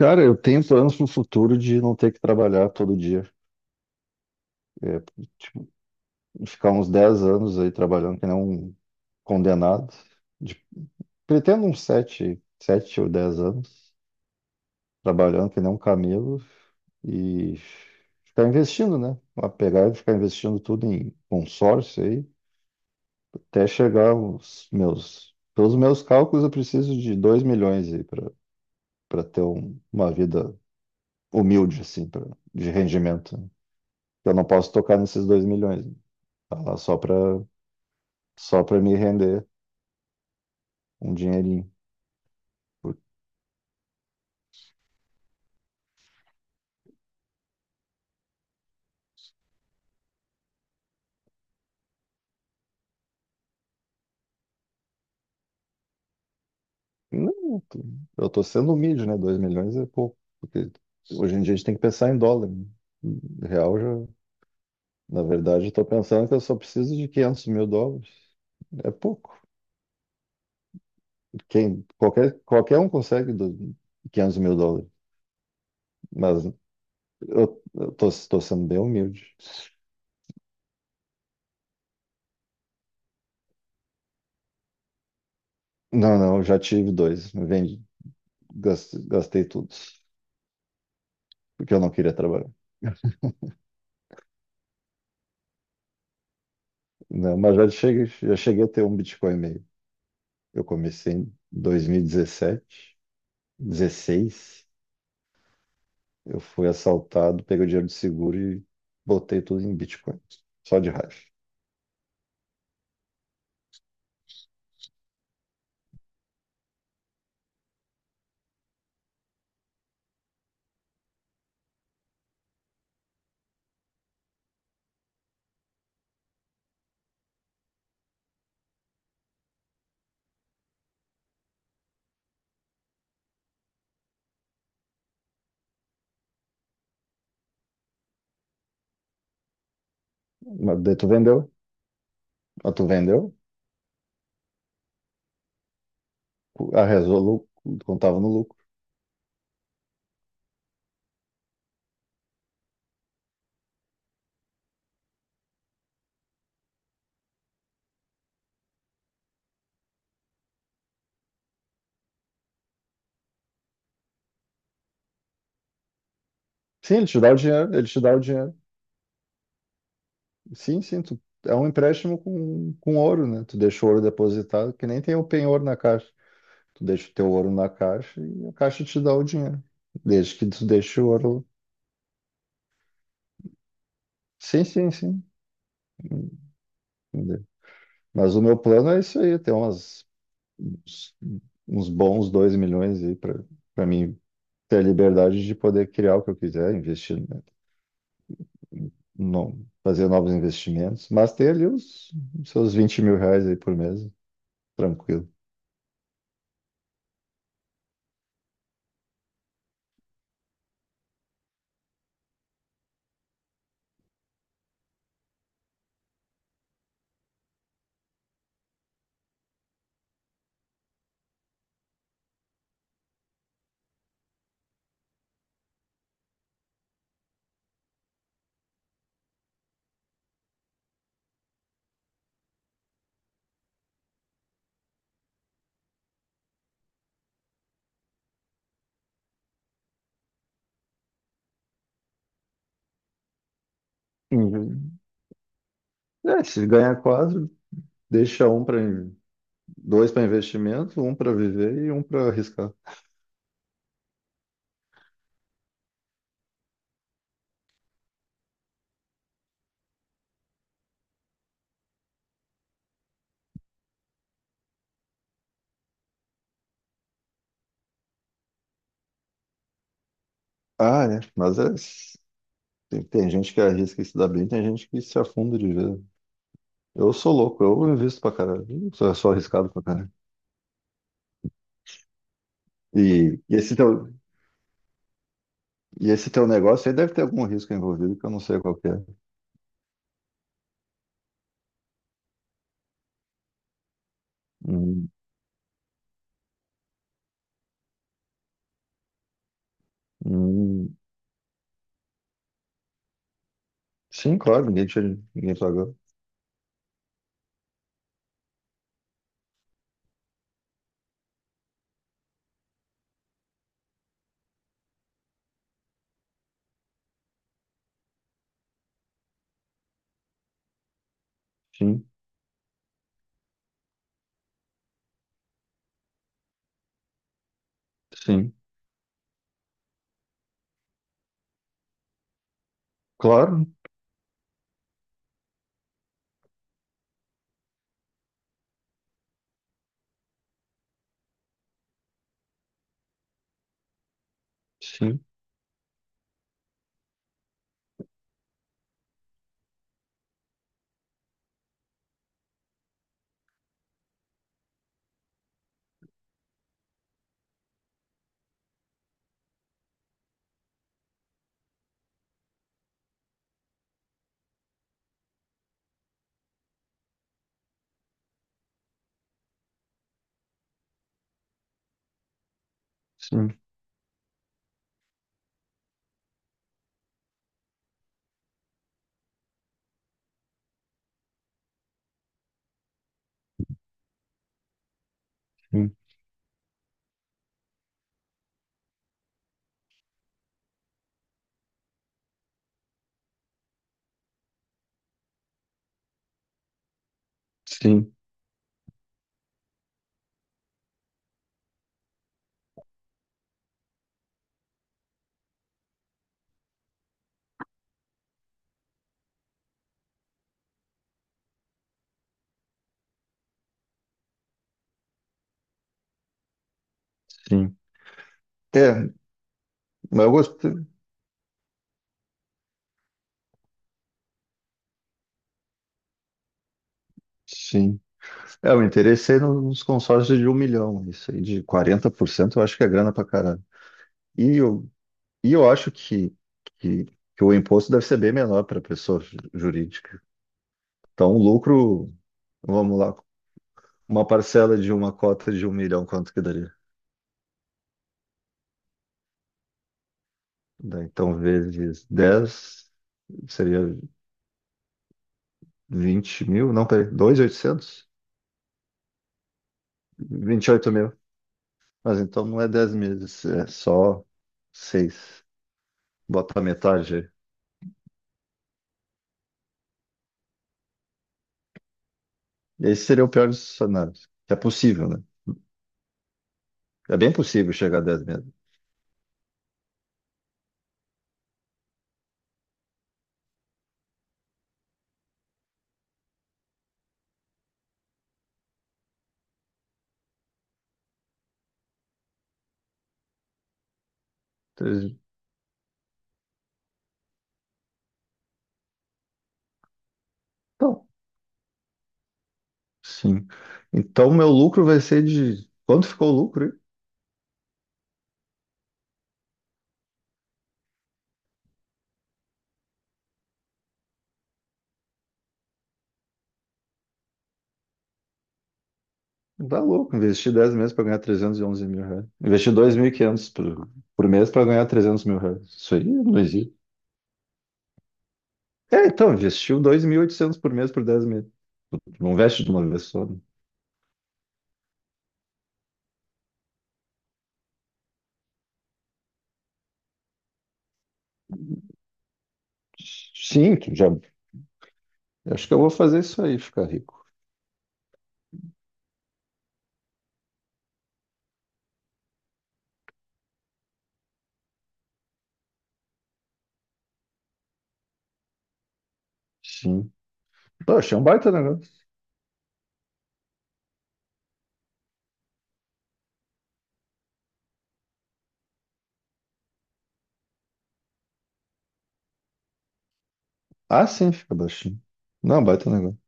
Cara, eu tenho planos pro futuro de não ter que trabalhar todo dia. É, tipo, ficar uns 10 anos aí trabalhando que nem um condenado. De- Pretendo uns 7, 7 ou 10 anos trabalhando que nem um camelo e ficar investindo, né? A pegar e ficar investindo tudo em consórcio aí, até chegar aos meus... Pelos meus cálculos, eu preciso de 2 milhões aí para ter uma vida humilde, assim, pra, de rendimento. Eu não posso tocar nesses 2 milhões, né? Tá lá só pra me render um dinheirinho. Porque- não, eu tô sendo humilde, né? 2 milhões é pouco. Porque hoje em dia a gente tem que pensar em dólar, né? Real já. Na verdade, eu tô pensando que eu só preciso de 500 mil dólares. É pouco. Qualquer um consegue 500 mil dólares. Mas eu tô sendo bem humilde. Não, não, eu já tive dois. Vendi, gastei tudo. Porque eu não queria trabalhar. Não, mas já cheguei a ter um Bitcoin e meio. Eu comecei em 2017, 16. Eu fui assaltado, peguei o dinheiro do seguro e botei tudo em Bitcoin. Só de raiva. Mas daí tu vendeu. Mas tu vendeu. A Resolu contava no lucro. Sim, ele te dá o dinheiro. Ele te dá o dinheiro. Sim, sim. Tu, é um empréstimo com ouro, né? Tu deixa o ouro depositado, que nem tem o penhor na caixa. Tu deixa o teu ouro na caixa e a caixa te dá o dinheiro. Desde que tu deixe o ouro. Sim, sim, sim. Entendi. Mas o meu plano é isso aí, ter umas, uns, uns bons 2 milhões aí para mim ter a liberdade de poder criar o que eu quiser, investir, né, no, fazer novos investimentos, mas ter ali os seus 20 mil reais aí por mês, tranquilo. Uhum. É, se ganhar quatro, deixa um para dois para investimento, um para viver e um para arriscar. Ah, é. Mas é, tem, tem gente que arrisca e se dá bem, tem gente que se afunda de vez. Eu sou louco, eu invisto pra caralho. Eu sou arriscado pra caralho. E, e esse teu, e esse teu negócio aí deve ter algum risco envolvido que eu não sei qual que é. Hum, hum. Sim, claro, ninguém, tinha, ninguém pagou. Sim, sim. Claro, sim, sim, sim, sim, sim. É, mas eu gostei. Sim. É, eu interessei nos consórcios de um milhão, isso aí, de 40% eu acho que é grana pra caralho. E eu, e eu acho que, que o imposto deve ser bem menor para pessoa jurídica. Então, o lucro, vamos lá, uma parcela de uma cota de um milhão, quanto que daria? Daí, então, vezes 10 seria 20 mil, não, peraí, dois mil e oitocentos? Vinte e oito mil. Mas então não é 10 meses, é só seis. Bota a metade aí. Esse seria o pior dos cenários. É possível, né? É bem possível chegar a 10 meses. Então, sim. Então, meu lucro vai ser de... Quanto ficou o lucro? Tá louco, investir 10 meses para ganhar 311 mil reais. Investir 2.500 por mês para ganhar 300 mil reais. Isso aí não existe. É, então, investiu dois mil e oitocentos por mês por 10 meses. Não investe de uma vez só, né? Sim, tu já. Acho que eu vou fazer isso aí, ficar rico. Sim. Pô, achei um baita negócio. Ah, sim, fica baixinho. Não, é um baita negócio.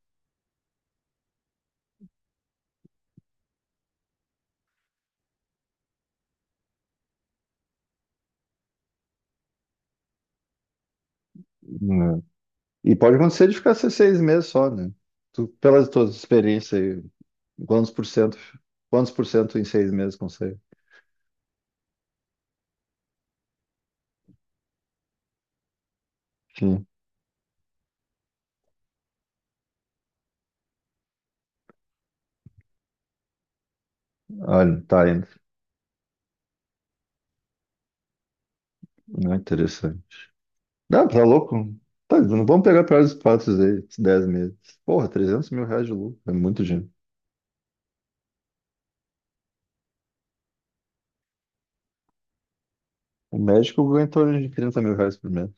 Né? E pode acontecer de ficar seis meses só, né? Tu, pelas tuas experiências aí, quantos por cento, quantos por cento em seis meses consegue? Sim. Olha, tá aí, né? Não é interessante. Não, tá louco? Tá, não vamos pegar pior dos aí, esses 10 meses. Porra, 300 mil reais de lucro, é muito dinheiro. O médico ganha em torno de 30 mil reais por mês.